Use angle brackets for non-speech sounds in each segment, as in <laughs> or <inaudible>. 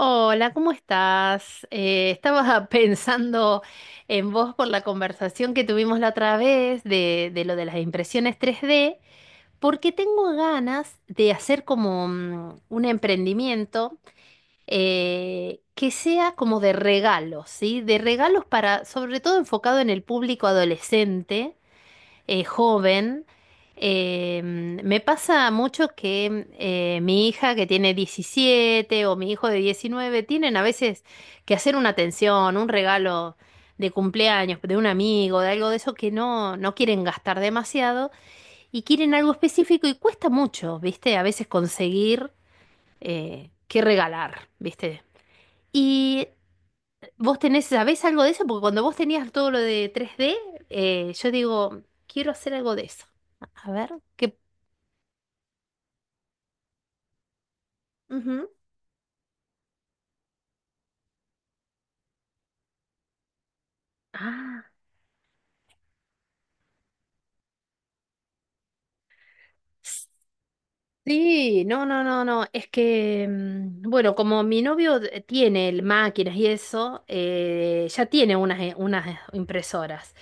Hola, ¿cómo estás? Estaba <laughs> pensando en vos por la conversación que tuvimos la otra vez de lo de las impresiones tres d porque tengo ganas de hacer como un emprendimiento, que sea como de regalos, ¿sí? De regalos para, sobre todo enfocado en el público adolescente, joven. Me pasa mucho que mi hija que tiene 17 o mi hijo de 19 tienen a veces que hacer una atención, un regalo de cumpleaños, de un amigo, de algo de eso que no, no quieren gastar demasiado y quieren algo específico y cuesta mucho, ¿viste? A veces conseguir, qué regalar, ¿viste? Y vos tenés, ¿sabés algo de eso? Porque cuando vos tenías todo lo de tres d, yo digo, quiero hacer algo de eso. A ver, qué ujú. Ah, sí, no, no, no, no. Es que, bueno, como mi novio tiene máquinas y eso, ya tiene unas, unas impresoras.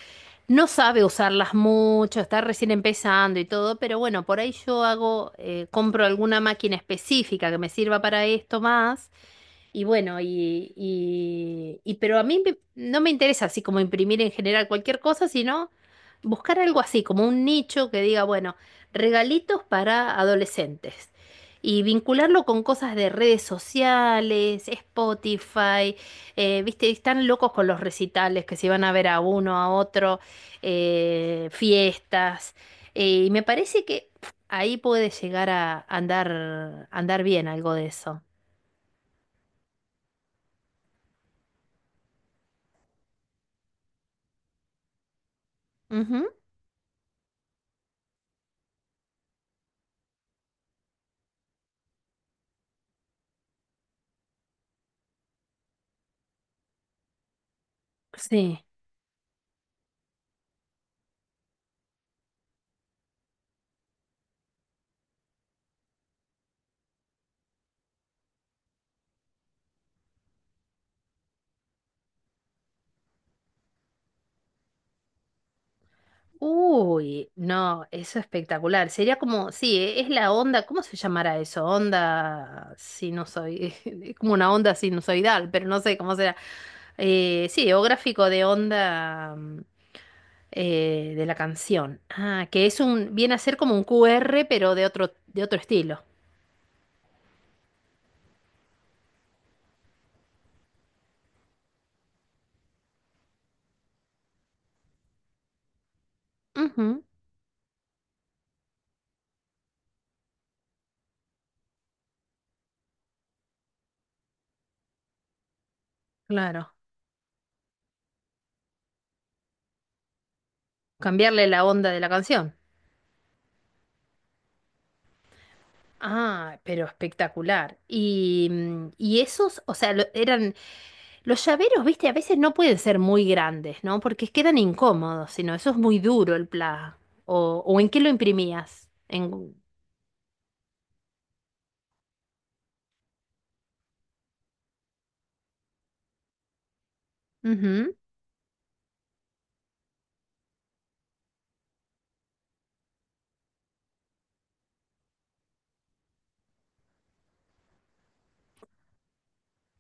No sabe usarlas mucho, está recién empezando y todo, pero bueno, por ahí yo hago, compro alguna máquina específica que me sirva para esto más. Y bueno, pero a mí no me interesa así como imprimir en general cualquier cosa, sino buscar algo así, como un nicho que diga, bueno, regalitos para adolescentes. Y vincularlo con cosas de redes sociales, Spotify, viste, están locos con los recitales que se van a ver a uno, a otro, fiestas. Y me parece que ahí puede llegar a andar bien algo de eso. Sí. Uy, no, eso es espectacular. Sería como, sí, es la onda, ¿cómo se llamará eso? Onda sinusoidal, <laughs> es como una onda sinusoidal, pero no sé cómo será. Sí, o gráfico de onda, de la canción. Ah, que es un, viene a ser como un QR, pero de otro estilo. Ujú, claro. Cambiarle la onda de la canción. Ah, pero espectacular. Y, y esos, o sea, eran los llaveros, viste, a veces no pueden ser muy grandes, ¿no? Porque quedan incómodos, sino eso es muy duro el pla. O ¿en qué lo imprimías? En... Ujú,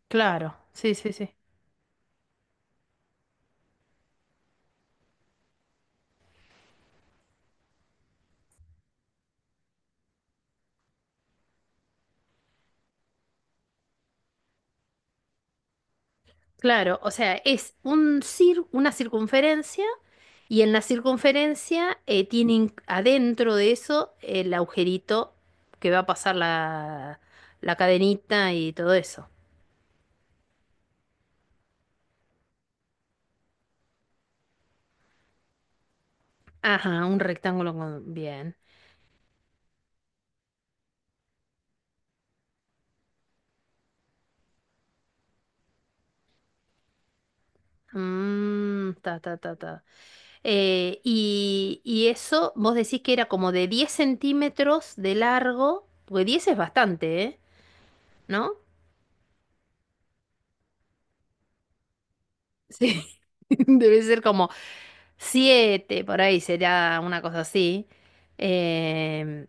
claro, sí, sí, sí. Claro, o sea, es un una circunferencia y en la circunferencia, tiene adentro de eso el agujerito que va a pasar la, la cadenita y todo eso. Ajá, un rectángulo con... Bien. Mm, ta, ta, ta, ta. Y, y eso, vos decís que era como de 10 centímetros de largo, porque 10 es bastante, ¿eh? ¿No? Sí. <laughs> Debe ser como 7 por ahí, será una cosa así. Em,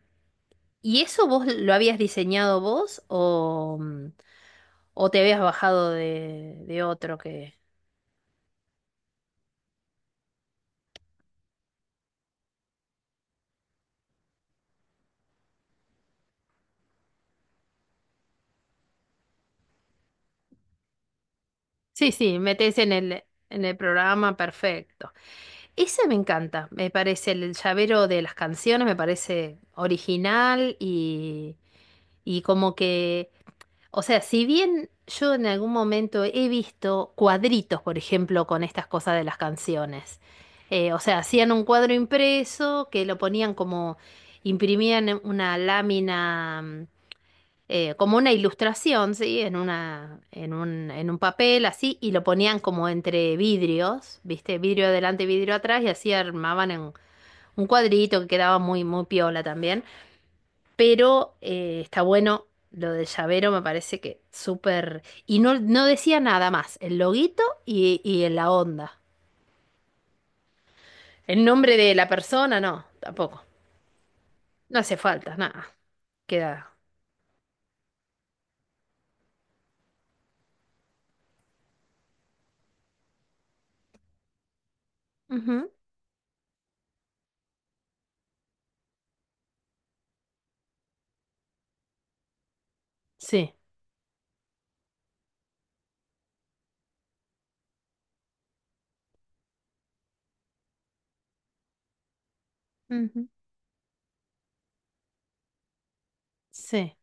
¿Y eso vos lo habías diseñado vos o, o te habías bajado de otro que... Sí, sí, metés en el programa, perfecto. Ese me encanta, me parece el llavero de las canciones, me parece original y como que, o sea, si bien yo en algún momento he visto cuadritos, por ejemplo, con estas cosas de las canciones, o sea, hacían un cuadro impreso que lo ponían como, imprimían una lámina, como una ilustración, ¿sí? En una, en un papel así, y lo ponían como entre vidrios, ¿viste? Vidrio adelante, vidrio atrás, y así armaban en un cuadrito que quedaba muy, muy piola también. Pero está bueno lo del llavero, me parece que súper... Y no, no decía nada más, el loguito y en la onda. El nombre de la persona, no, tampoco. No hace falta, nada. Queda. Ujú. Sí. Ujú. Sí.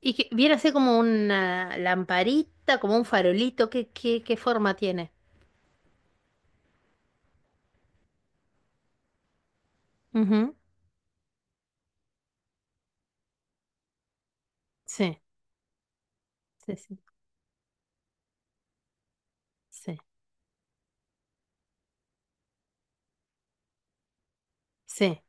¿Y que viene así como una lamparita, como un farolito? ¿Qué, qué, qué forma tiene? Ujú. Sí, sí, sí, sí, sí,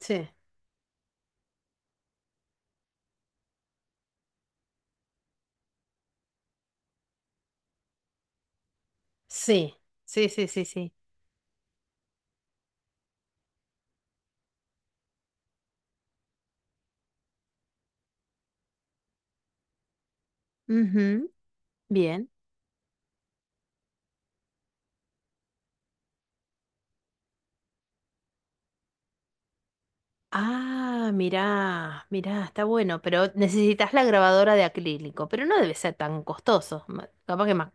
sí, sí, sí, sí, sí, sí, sí. Ujú. Bien. Ah, mirá, mirá, está bueno, pero necesitas la grabadora de acrílico, pero no debe ser tan costoso, capaz que más.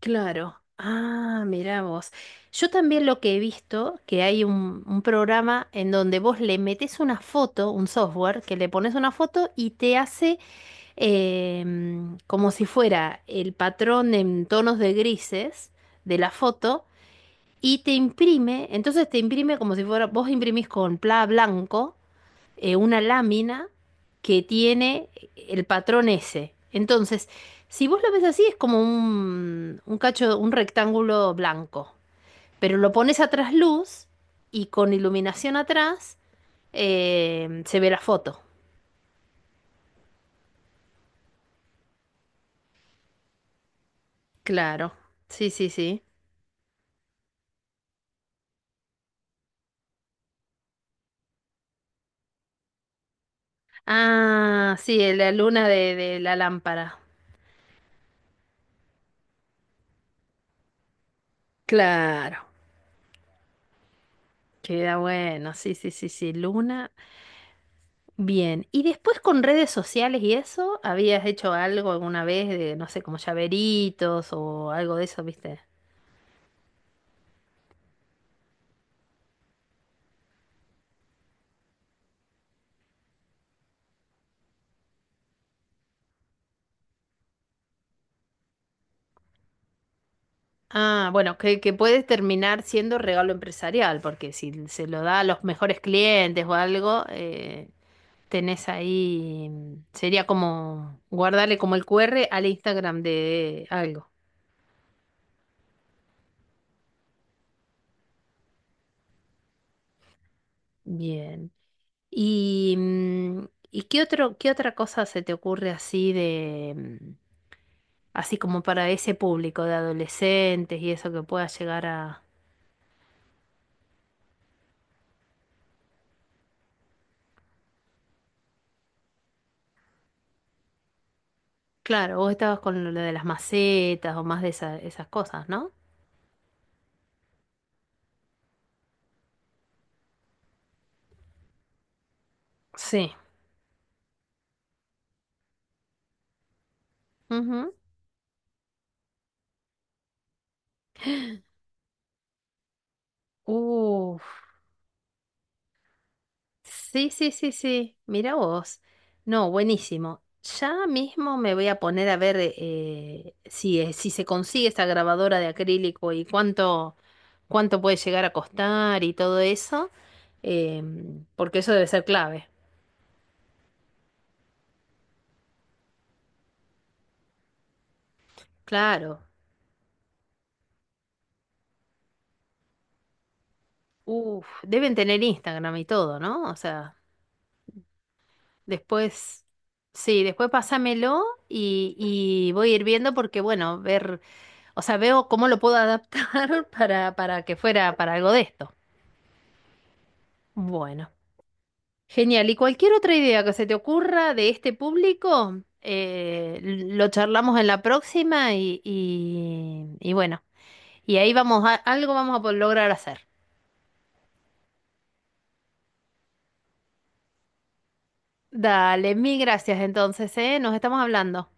Claro. Ah, mirá vos. Yo también lo que he visto, que hay un programa en donde vos le metes una foto, un software, que le pones una foto y te hace, como si fuera el patrón en tonos de grises de la foto y te imprime, entonces te imprime como si fuera, vos imprimís con pla blanco, una lámina que tiene el patrón ese. Entonces, si vos lo ves así, es como un cacho, un rectángulo blanco. Pero lo pones a trasluz y con iluminación atrás, se ve la foto. Claro. Sí, sí, sí. Ah, sí, la luna de la lámpara. Claro. Queda bueno. Sí, sí, sí, sí. Luna. Bien, y después con redes sociales y eso, ¿habías hecho algo alguna vez de, no sé, como llaveritos o algo de eso, viste? Ah, bueno, que puede terminar siendo regalo empresarial, porque si se lo da a los mejores clientes o algo, tenés ahí, sería como guardarle como el QR al Instagram de algo. Bien. ¿Y, ¿y qué otro, qué otra cosa se te ocurre así de... así como para ese público de adolescentes y eso que pueda llegar a... Claro, vos estabas con lo de las macetas o más de esas cosas, ¿no? Sí. Ujú. Uf. Sí, sí, sí, sí. Mira vos. No, buenísimo. Ya mismo me voy a poner a ver, si, si se consigue esta grabadora de acrílico y cuánto, cuánto puede llegar a costar y todo eso, porque eso debe ser clave. Claro. Uf, deben tener Instagram y todo, ¿no? O sea, después, sí, después pásamelo y voy a ir viendo porque, bueno, ver, o sea, veo cómo lo puedo adaptar <laughs> para que fuera para algo de esto. Bueno, genial. Y cualquier otra idea que se te ocurra de este público, lo charlamos en la próxima y, y bueno, y ahí vamos a, algo vamos a poder lograr hacer. Dale, mil gracias entonces, ¿eh? Nos estamos hablando.